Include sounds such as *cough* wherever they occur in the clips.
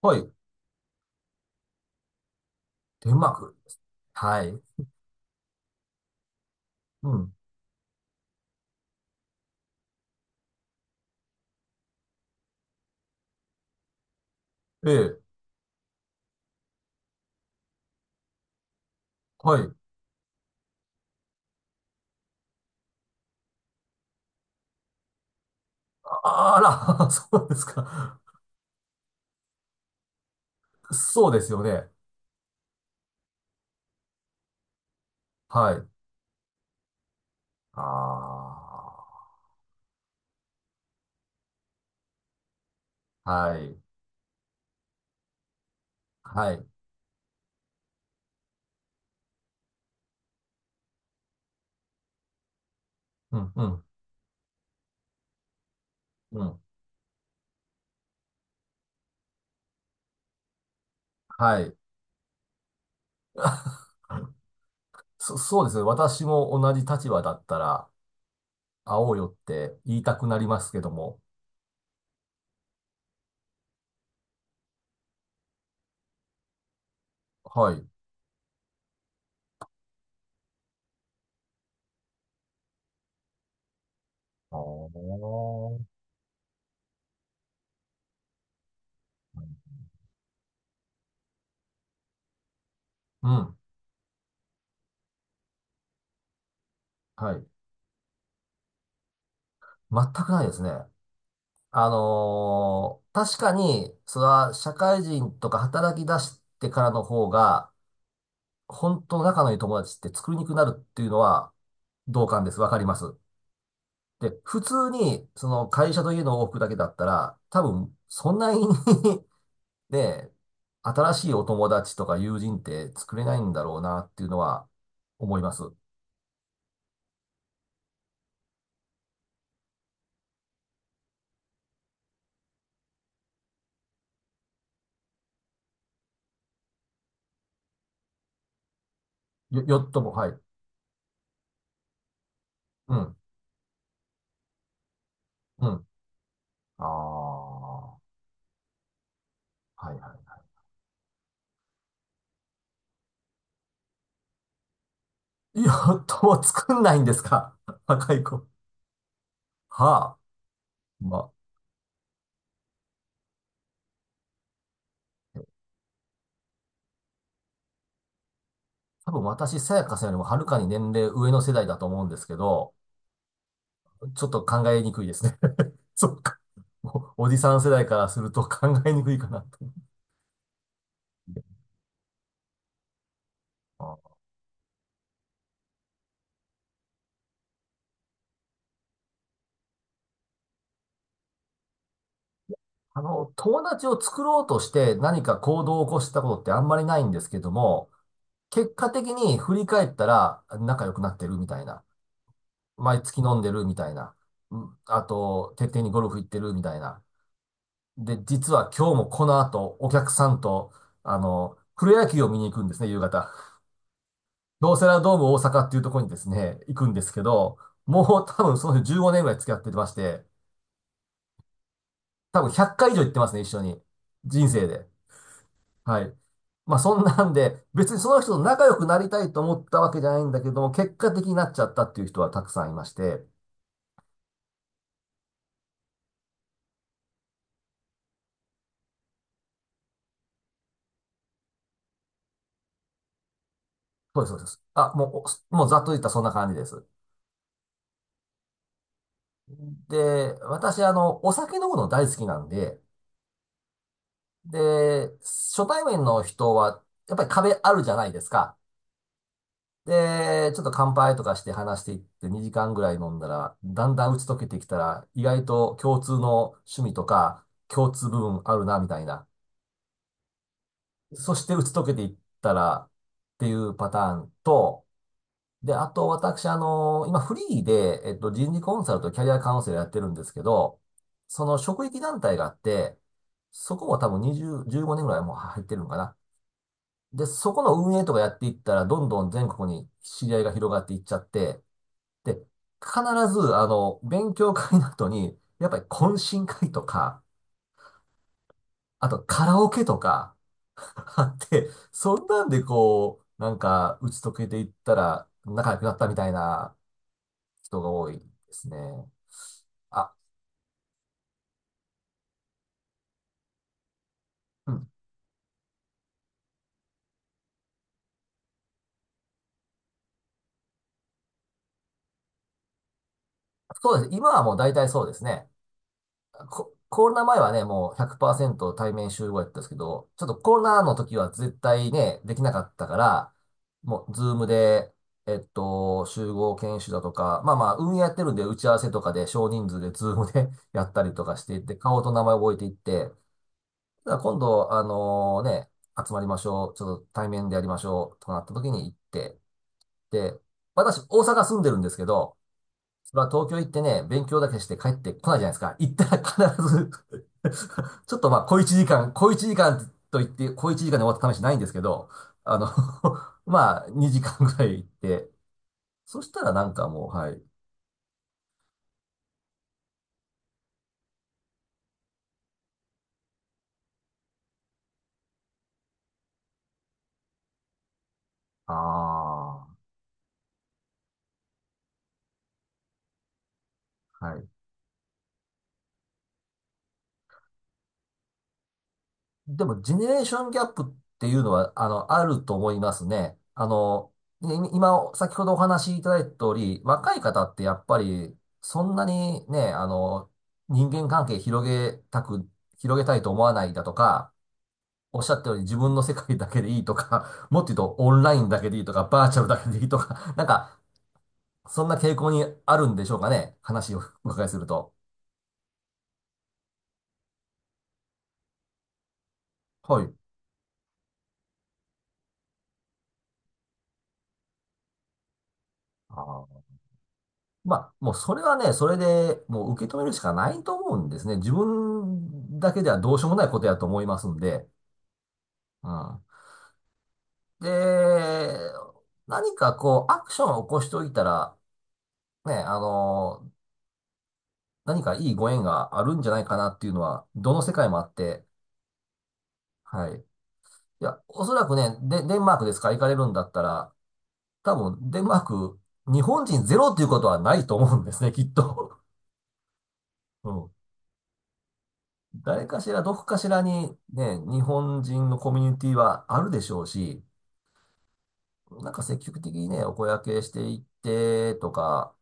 はい。デンマークです。はい。うん。ええ。はい。あら、*laughs* そうですか。そうですよね。はい。ああ。はい。はい。うん、うん、うん。はい。そうですね。私も同じ立場だったら、会おうよって言いたくなりますけども。はい。あーうん。はい。全くないですね。確かに、それは社会人とか働き出してからの方が、本当の仲のいい友達って作りにくくなるっていうのは同感です。わかります。で、普通に、その会社と家の往復だけだったら、多分、そんなに *laughs* ね、新しいお友達とか友人って作れないんだろうなっていうのは思います。よ、よっとも、はい。うん、うん。ああ、はいはい。よっとも作んないんですか？ *laughs* 若い子。はあ。まあ、多分私、さやかさんよりもはるかに年齢上の世代だと思うんですけど、ちょっと考えにくいですね。*laughs* そっか。おじさん世代からすると考えにくいかなと。ああの、友達を作ろうとして何か行動を起こしたことってあんまりないんですけども、結果的に振り返ったら仲良くなってるみたいな。毎月飲んでるみたいな。うんあと、徹底にゴルフ行ってるみたいな。で、実は今日もこの後、お客さんと、あの、プロ野球を見に行くんですね、夕方。京セラドーム大阪っていうところにですね、行くんですけど、もう多分その人15年ぐらい付き合ってまして、多分100回以上行ってますね、一緒に。人生で。はい。まあそんなんで、別にその人と仲良くなりたいと思ったわけじゃないんだけども、結果的になっちゃったっていう人はたくさんいまして、そうです、そうです。あ、もう、おもうざっと言ったらそんな感じです。で、私、あの、お酒飲むの大好きなんで、で、初対面の人は、やっぱり壁あるじゃないですか。で、ちょっと乾杯とかして話していって2時間ぐらい飲んだら、だんだん打ち解けてきたら、意外と共通の趣味とか、共通部分あるな、みたいな。そして打ち解けていったら、っていうパターンと、で、あと私、あの、今フリーで、人事コンサルとキャリアカウンセラーやってるんですけど、その職域団体があって、そこも多分20、15年ぐらいもう入ってるのかな。で、そこの運営とかやっていったら、どんどん全国に知り合いが広がっていっちゃって、で、必ず、あの、勉強会の後に、やっぱり懇親会とか、あとカラオケとか、*laughs* あって、そんなんでこう、なんか、打ち解けていったら、仲良くなったみたいな人が多いですね。あ、うん。そうです。今はもう大体そうですね。コロナ前はね、もう100%対面集合やったんですけど、ちょっとコロナの時は絶対ね、できなかったから、もうズームで、集合研修だとか、まあまあ、運営やってるんで打ち合わせとかで少人数でズームで *laughs* やったりとかしていって、顔と名前覚えていって、ただ今度、あのね、集まりましょう、ちょっと対面でやりましょうとなった時に行って、で、私、大阪住んでるんですけど、それは東京行ってね、勉強だけして帰ってこないじゃないですか。行ったら必ず *laughs* ちょっとまあ、小一時間、小一時間と言って、小一時間で終わった試しないんですけど、あの *laughs* まあ、2時間ぐらい行って、そしたらなんかもう、はい。ああ、はい。でも、ジェネレーションギャップっていうのは、あの、あると思いますね。い今、先ほどお話しいただいた通り、若い方ってやっぱり、そんなにね、あの、人間関係広げたく、広げたいと思わないだとか、おっしゃったように自分の世界だけでいいとか、*laughs* もっと言うとオンラインだけでいいとか、バーチャルだけでいいとか、なんか、そんな傾向にあるんでしょうかね。話をお伺いすると。はい。あーまあ、もうそれはね、それでもう受け止めるしかないと思うんですね。自分だけではどうしようもないことやと思いますんで。うん。で、何かこう、アクションを起こしておいたら、ね、あの、何かいいご縁があるんじゃないかなっていうのは、どの世界もあって、はい。いや、おそらくね、デンマークですか？行かれるんだったら、多分、デンマーク、日本人ゼロっていうことはないと思うんですね、きっと。*laughs* うん、誰かしら、どこかしらにね、日本人のコミュニティはあるでしょうし、なんか積極的にね、お声掛けしていってとか、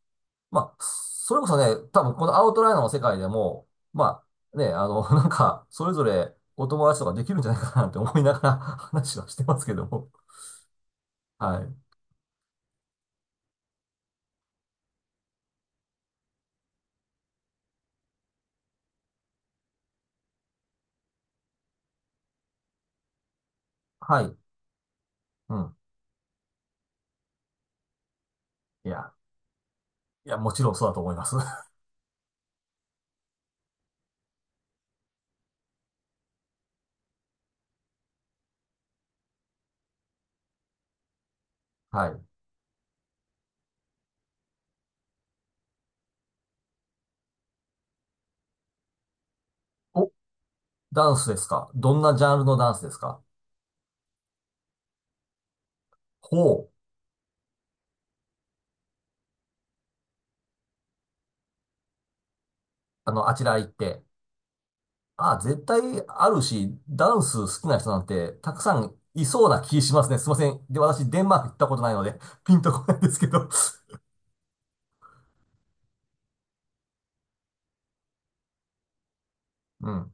まあ、それこそね、多分このアウトライナーの世界でも、まあね、あの、*laughs* なんか、それぞれお友達とかできるんじゃないかなって思いながら *laughs* 話はしてますけども。はい。はい。うん。いや、いや、もちろんそうだと思います。*laughs* はい。お、ダンスですか？どんなジャンルのダンスですか？ほう。あの、あちら行って。あ、絶対あるし、ダンス好きな人なんてたくさんいそうな気しますね。すいません。で、私、デンマーク行ったことないので、*laughs* ピンとこないんですけど。*laughs* うん。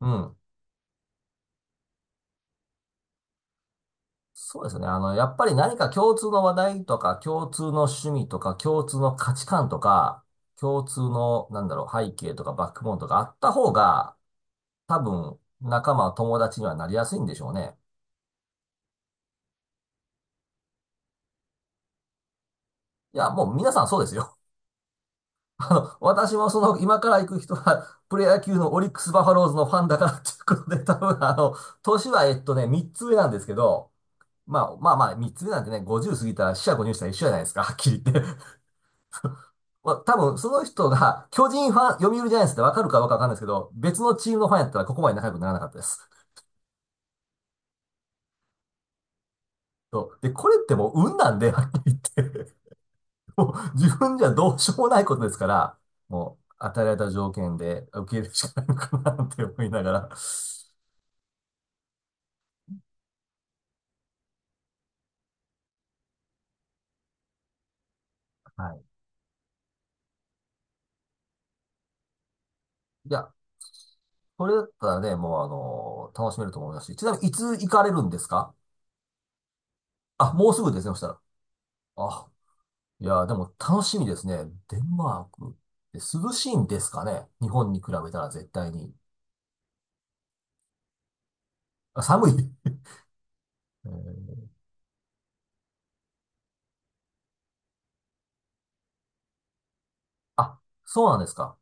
うん。そうですね。あの、やっぱり何か共通の話題とか、共通の趣味とか、共通の価値観とか、共通の、なんだろう、背景とかバックボーンとかあった方が、多分、友達にはなりやすいんでしょうね。いや、もう皆さんそうですよ。*laughs* あの、私もその、今から行く人は、プロ野球のオリックス・バファローズのファンだからっていうことで、多分あの、年は3つ上なんですけど、まあ、3つ上なんてね、50過ぎたら四捨五入したら一緒じゃないですか、はっきり言って。*laughs* まあ、多分その人が、巨人ファン、読売ジャイアンツってわかるかどかわかんないですけど、別のチームのファンやったらここまで仲良くならなかったです。そうで、これってもう運なんで、はっきり言って。もう自分じゃどうしようもないことですから、もう与えられた条件で受け入れるしかないのかなって思いながら、はい。いや、これだったらね、もうあの、楽しめると思いますし。ちなみに、いつ行かれるんですか？あ、もうすぐですね、そしたら。あ、いや、でも楽しみですね。デンマークって涼しいんですかね？日本に比べたら絶対に。あ、寒い。*laughs* えー、あ、そうなんですか。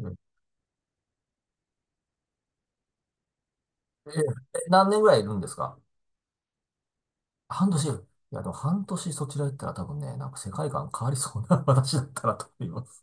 うん、えー、え、何年ぐらいいるんですか？半年。いや、でも半年そちら行ったら多分ね、なんか世界観変わりそうな *laughs* 私だったらと思います。